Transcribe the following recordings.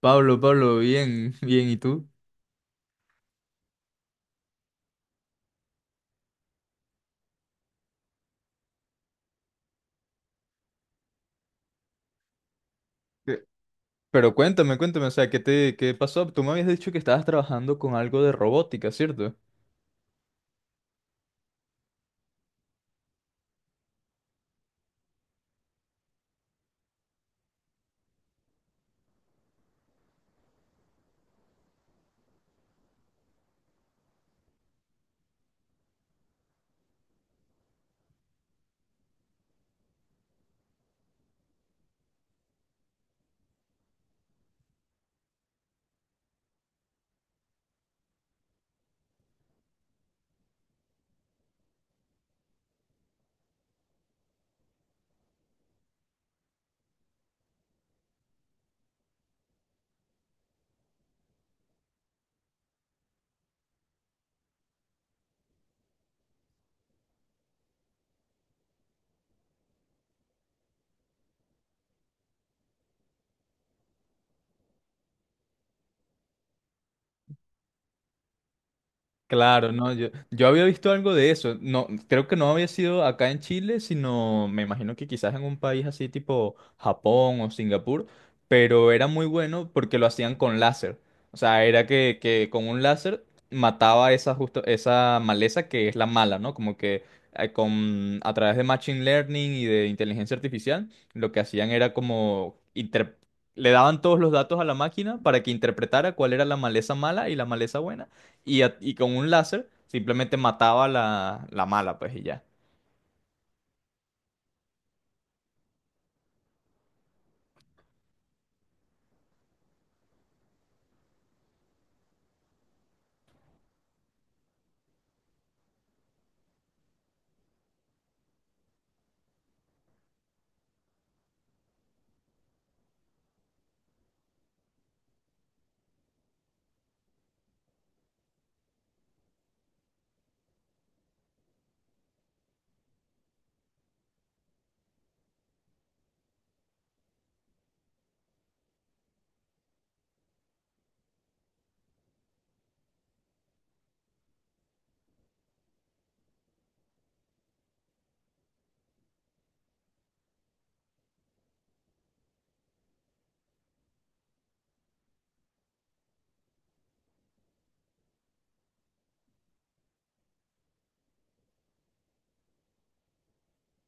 Pablo, Pablo, bien, bien, ¿y tú? ¿Qué? Pero cuéntame, o sea, qué pasó? Tú me habías dicho que estabas trabajando con algo de robótica, ¿cierto? Claro, no, yo había visto algo de eso. No, creo que no había sido acá en Chile, sino me imagino que quizás en un país así tipo Japón o Singapur, pero era muy bueno porque lo hacían con láser. O sea, era que con un láser mataba esa justo, esa maleza que es la mala, ¿no? Como que con a través de machine learning y de inteligencia artificial, lo que hacían era le daban todos los datos a la máquina para que interpretara cuál era la maleza mala y la maleza buena y, y con un láser simplemente mataba la, la mala, pues y ya.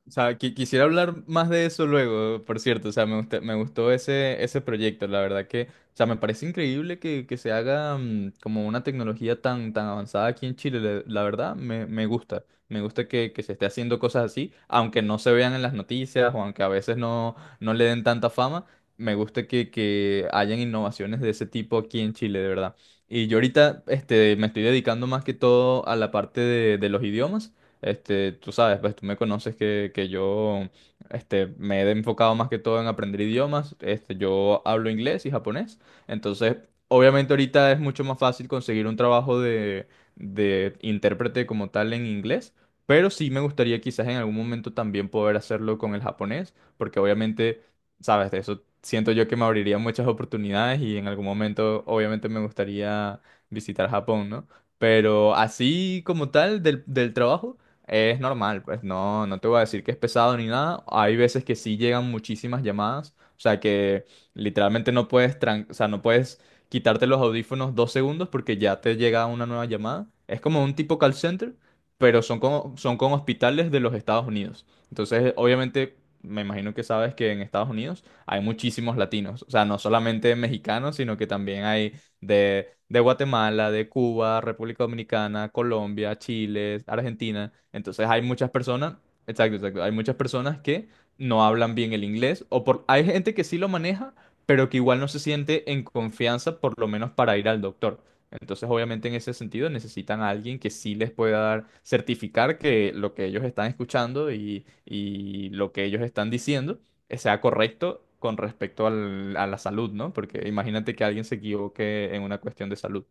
O sea, quisiera hablar más de eso luego, por cierto. O sea, me gustó ese proyecto. La verdad que, o sea, me parece increíble que se haga como una tecnología tan, tan avanzada aquí en Chile. La verdad, me gusta. Me gusta que se esté haciendo cosas así, aunque no se vean en las noticias o aunque a veces no, no le den tanta fama. Me gusta que hayan innovaciones de ese tipo aquí en Chile, de verdad. Y yo ahorita este, me estoy dedicando más que todo a la parte de los idiomas. Este, tú sabes, pues tú me conoces que yo este, me he enfocado más que todo en aprender idiomas. Este, yo hablo inglés y japonés. Entonces, obviamente ahorita es mucho más fácil conseguir un trabajo de intérprete como tal en inglés. Pero sí me gustaría quizás en algún momento también poder hacerlo con el japonés, porque obviamente, sabes, de eso siento yo que me abriría muchas oportunidades y en algún momento obviamente me gustaría visitar Japón, ¿no? Pero así como tal del, del trabajo. Es normal, pues no, no te voy a decir que es pesado ni nada. Hay veces que sí llegan muchísimas llamadas, o sea que literalmente no puedes, o sea, no puedes quitarte los audífonos dos segundos porque ya te llega una nueva llamada. Es como un tipo call center, pero son con hospitales de los Estados Unidos. Entonces, obviamente, me imagino que sabes que en Estados Unidos hay muchísimos latinos, o sea, no solamente mexicanos, sino que también hay de Guatemala, de Cuba, República Dominicana, Colombia, Chile, Argentina. Entonces hay muchas personas, exacto, exacto, hay muchas personas que no hablan bien el inglés o por, hay gente que sí lo maneja, pero que igual no se siente en confianza, por lo menos para ir al doctor. Entonces, obviamente, en ese sentido necesitan a alguien que sí les pueda dar, certificar que lo que ellos están escuchando y lo que ellos están diciendo sea correcto con respecto a la salud, ¿no? Porque imagínate que alguien se equivoque en una cuestión de salud.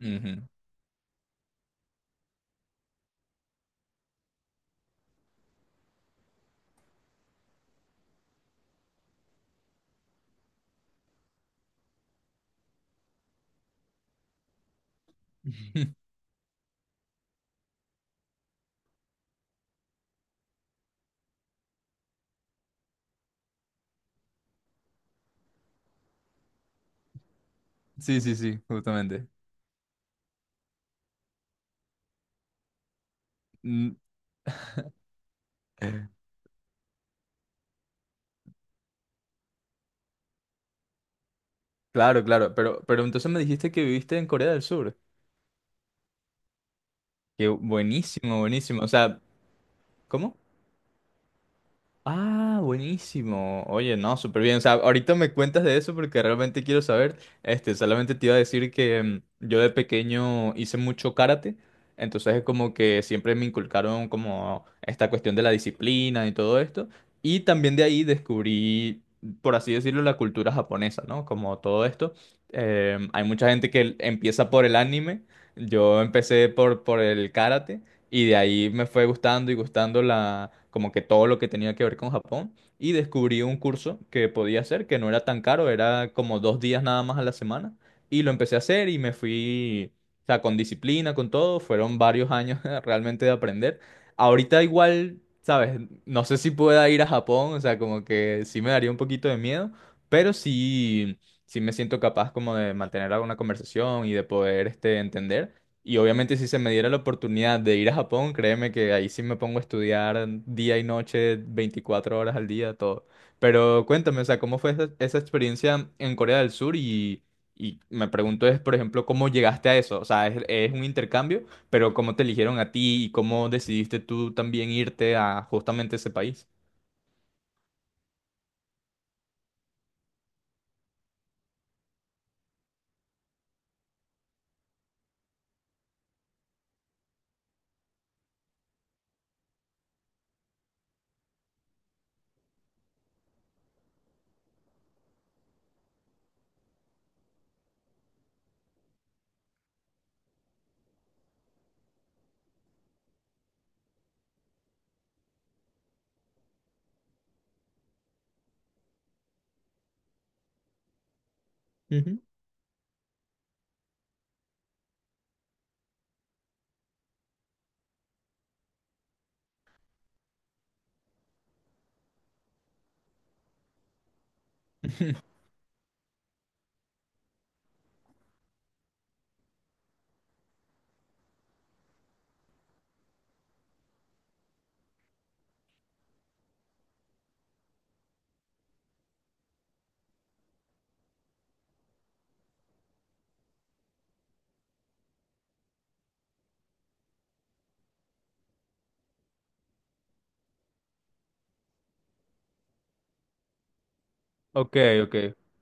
Ujú. Sí, sí, sí, justamente. Mm. Claro, claro, pero entonces me dijiste que viviste en Corea del Sur. Qué buenísimo, buenísimo. O sea, ¿cómo? Ah, buenísimo. Oye, no, súper bien. O sea, ahorita me cuentas de eso porque realmente quiero saber. Este, solamente te iba a decir que yo de pequeño hice mucho karate. Entonces es como que siempre me inculcaron como esta cuestión de la disciplina y todo esto. Y también de ahí descubrí, por así decirlo, la cultura japonesa, ¿no? Como todo esto. Em, hay mucha gente que empieza por el anime. Yo empecé por el karate. Y de ahí me fue gustando y gustando la, como que todo lo que tenía que ver con Japón. Y descubrí un curso que podía hacer, que no era tan caro, era como dos días nada más a la semana. Y lo empecé a hacer y me fui, o sea, con disciplina, con todo. Fueron varios años realmente de aprender. Ahorita igual, ¿sabes? No sé si pueda ir a Japón, o sea, como que sí me daría un poquito de miedo, pero sí, sí me siento capaz como de mantener alguna conversación y de poder, este, entender. Y obviamente si se me diera la oportunidad de ir a Japón, créeme que ahí sí me pongo a estudiar día y noche, 24 horas al día, todo. Pero cuéntame, o sea, ¿cómo fue esa experiencia en Corea del Sur? Y me pregunto es, por ejemplo, ¿cómo llegaste a eso? O sea, es un intercambio, pero ¿cómo te eligieron a ti y cómo decidiste tú también irte a justamente ese país? Ujú. Ok, ok,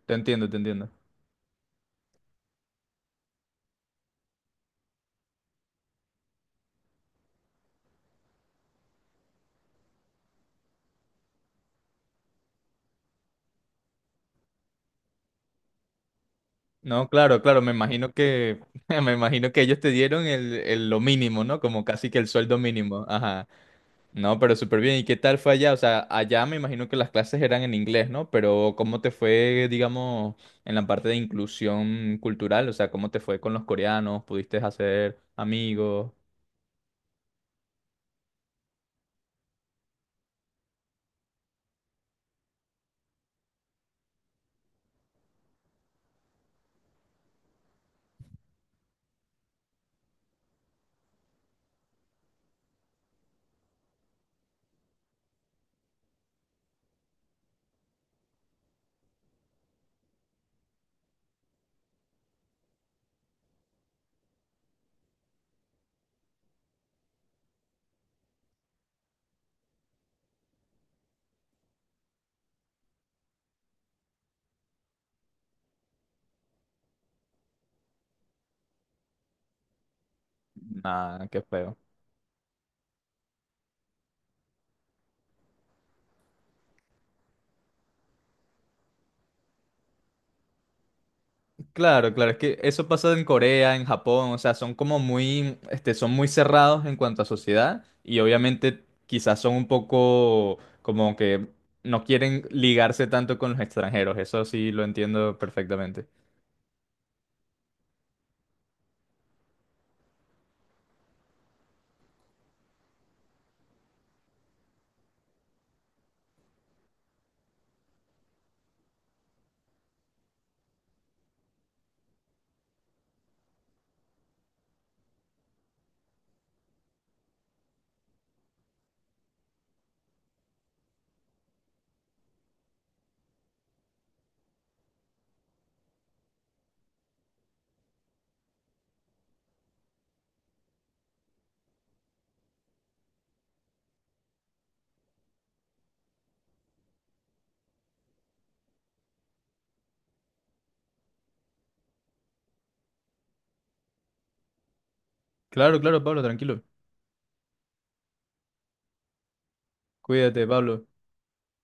te entiendo. No, claro, claro, me imagino que, me imagino que ellos te dieron el, lo mínimo, ¿no? Como casi que el sueldo mínimo. Ajá. No, pero súper bien. ¿Y qué tal fue allá? O sea, allá me imagino que las clases eran en inglés, ¿no? Pero ¿cómo te fue, digamos, en la parte de inclusión cultural? O sea, ¿cómo te fue con los coreanos? ¿Pudiste hacer amigos? Nada, qué feo. Claro, claro, es que eso pasa en Corea, en Japón, o sea, son como muy, este, son muy cerrados en cuanto a sociedad y obviamente quizás son un poco como que no quieren ligarse tanto con los extranjeros, eso sí lo entiendo perfectamente. Claro, claro, Pablo, tranquilo. Cuídate, Pablo.